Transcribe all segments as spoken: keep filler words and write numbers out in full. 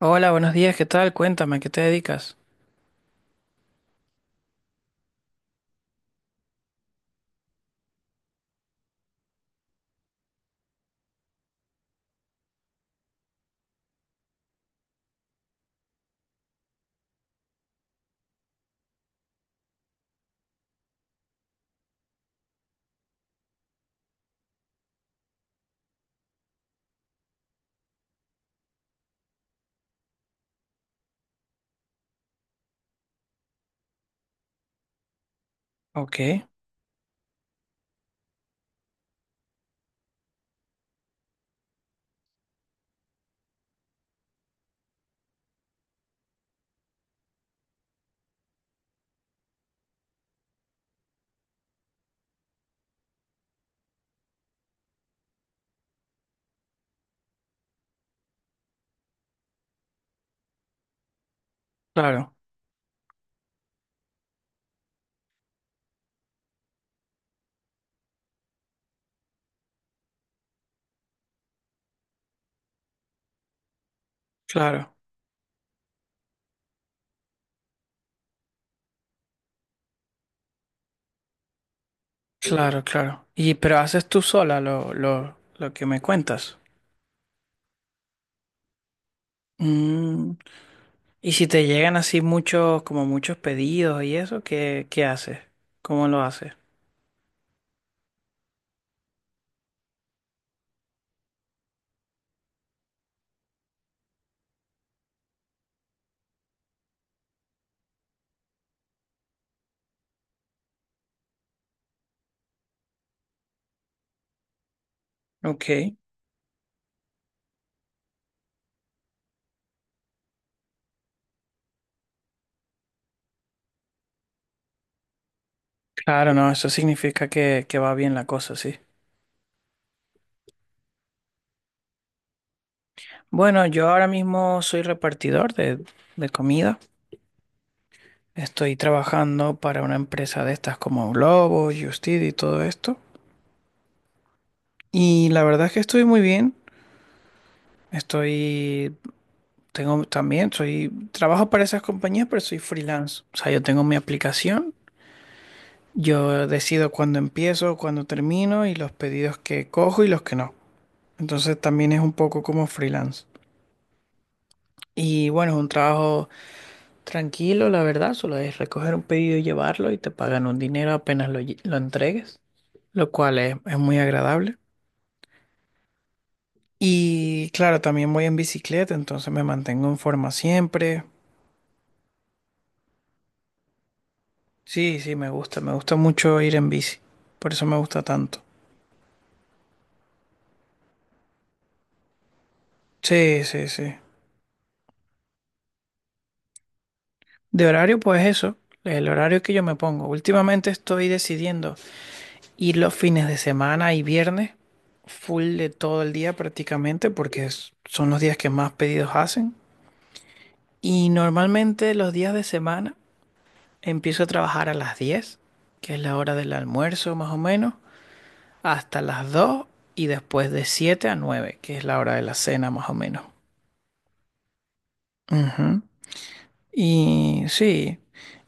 Hola, buenos días, ¿qué tal? Cuéntame, ¿a qué te dedicas? Ok, claro, claro, claro, claro. Y pero haces tú sola lo, lo, lo que me cuentas. Mm, y si te llegan así muchos, como muchos pedidos y eso, ¿qué, qué haces? ¿Cómo lo haces? Ok, claro, no, eso significa que, que va bien la cosa, sí. Bueno, yo ahora mismo soy repartidor de, de comida. Estoy trabajando para una empresa de estas como Globo, Justit y todo esto. Y la verdad es que estoy muy bien. Estoy, tengo también, soy, trabajo para esas compañías, pero soy freelance. O sea, yo tengo mi aplicación, yo decido cuándo empiezo, cuándo termino y los pedidos que cojo y los que no. Entonces también es un poco como freelance. Y bueno, es un trabajo tranquilo, la verdad, solo es recoger un pedido y llevarlo y te pagan un dinero apenas lo, lle- lo entregues, lo cual es, es muy agradable. Y claro, también voy en bicicleta, entonces me mantengo en forma siempre. Sí, sí, me gusta, me gusta mucho ir en bici, por eso me gusta tanto. Sí, sí, sí. De horario, pues eso, el horario que yo me pongo. Últimamente estoy decidiendo ir los fines de semana y viernes, full de todo el día prácticamente, porque es- son los días que más pedidos hacen. Y normalmente los días de semana empiezo a trabajar a las diez, que es la hora del almuerzo más o menos, hasta las dos y después de siete a nueve, que es la hora de la cena más o menos. Ujú. Y sí,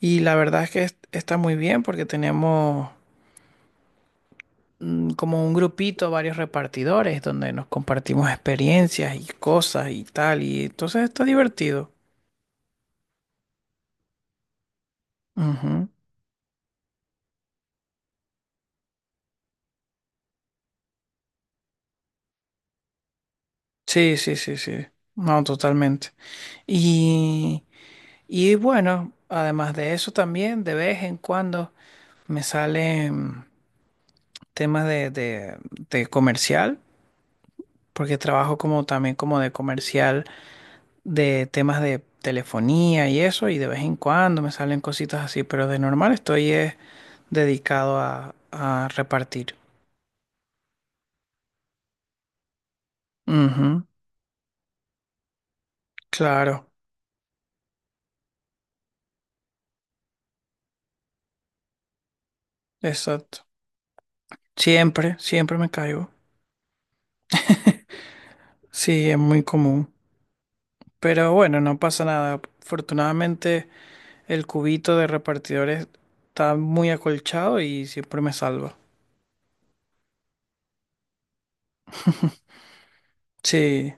y la verdad es que est- está muy bien porque tenemos mm, como un grupito, varios repartidores donde nos compartimos experiencias y cosas y tal, y entonces está divertido. Ujú. Sí, sí, sí, sí. No, totalmente. Y, y bueno, además de eso también, de vez en cuando me salen temas de, de, de comercial, porque trabajo como también como de comercial de temas de telefonía y eso, y de vez en cuando me salen cositas así, pero de normal estoy eh, dedicado a, a repartir. Ujú, claro, exacto. Siempre, siempre me caigo. Sí, es muy común. Pero bueno, no pasa nada. Afortunadamente el cubito de repartidores está muy acolchado y siempre me salva. Sí,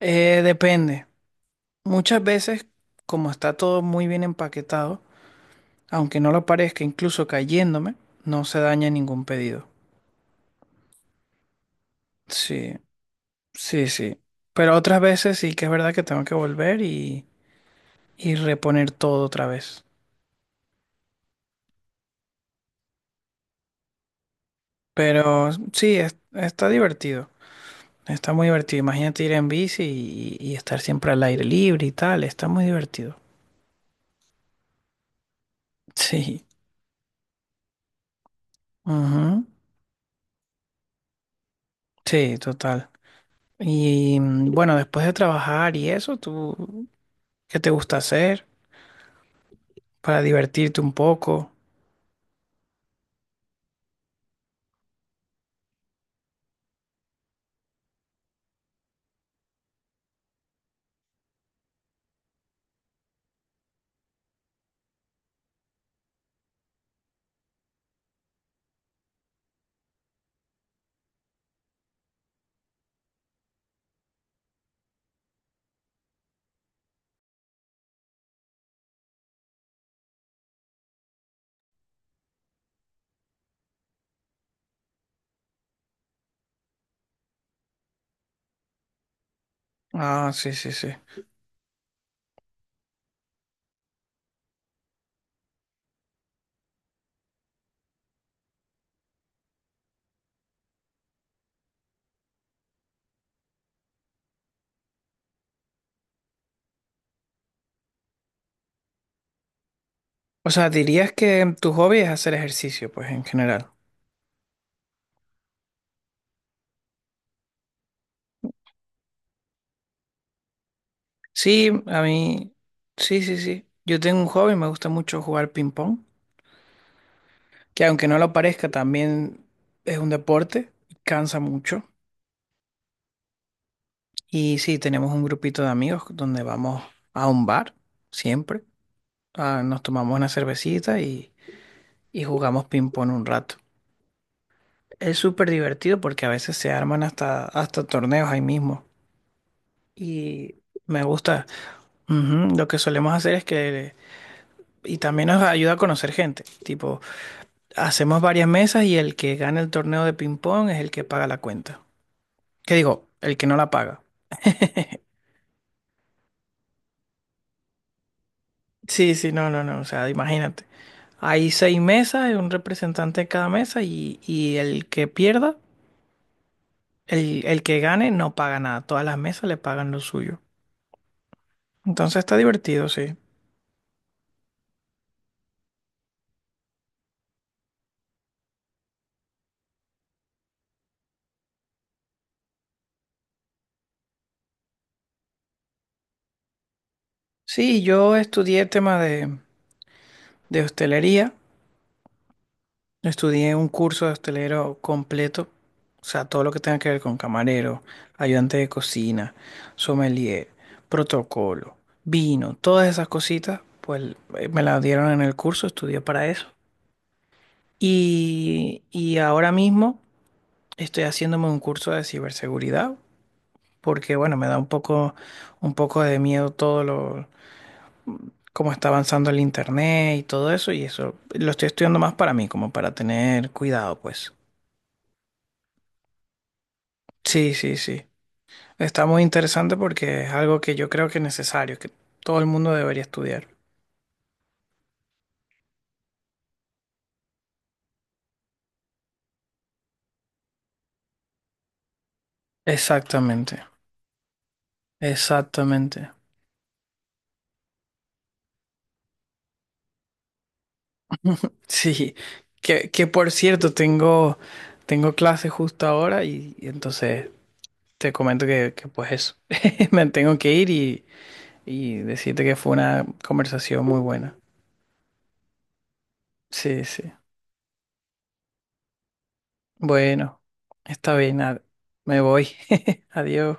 eh, depende. Muchas veces, como está todo muy bien empaquetado, aunque no lo parezca, incluso cayéndome, no se daña ningún pedido. Sí, sí, sí. Pero otras veces sí que es verdad que tengo que volver y, y reponer todo otra vez. Pero sí, es- está divertido. Está muy divertido. Imagínate ir en bici y, y estar siempre al aire libre y tal. Está muy divertido. Sí. Ujú. Sí, total. Y mm, bueno, después de trabajar y eso, ¿tú qué te gusta hacer para divertirte un poco? Ah, sí, sí, sí. O sea, dirías que tu hobby es hacer ejercicio, pues en general. Sí, a mí, sí, sí, sí. Yo tengo un hobby, me gusta mucho jugar ping pong, que aunque no lo parezca, también es un deporte, cansa mucho. Y sí, tenemos un grupito de amigos donde vamos a un bar, siempre. Ah, nos tomamos una cervecita y, y jugamos ping pong un rato. Es súper divertido porque a veces se arman hasta, hasta torneos ahí mismo. Y me gusta. Ujú. Lo que solemos hacer es que. Y también nos ayuda a conocer gente. Tipo, hacemos varias mesas y el que gana el torneo de ping-pong es el que paga la cuenta. ¿Qué digo? El que no la paga. Sí, sí, no, no, no. O sea, imagínate. Hay seis mesas, un representante de cada mesa y, y el que pierda, el, el que gane, no paga nada. Todas las mesas le pagan lo suyo. Entonces está divertido, sí. Sí, yo estudié tema de, de hostelería. Estudié un curso de hostelero completo, o sea, todo lo que tenga que ver con camarero, ayudante de cocina, sommelier, protocolo, vino, todas esas cositas, pues eh, me las dieron en el curso, estudié para eso. Y, y ahora mismo estoy haciéndome un curso de ciberseguridad, porque bueno, me da un poco, un poco de miedo todo lo, cómo está avanzando el internet y todo eso, y eso lo estoy estudiando más para mí, como para tener cuidado, pues. Sí, sí, sí. Está muy interesante porque es algo que yo creo que es necesario, que todo el mundo debería estudiar. Exactamente, exactamente. Sí, que, que por cierto, tengo, tengo clase justo ahora y, y entonces te comento que, que pues eso, me tengo que ir y, y decirte que fue una conversación muy buena. Sí, sí. Bueno, está bien, nada, me voy. Adiós.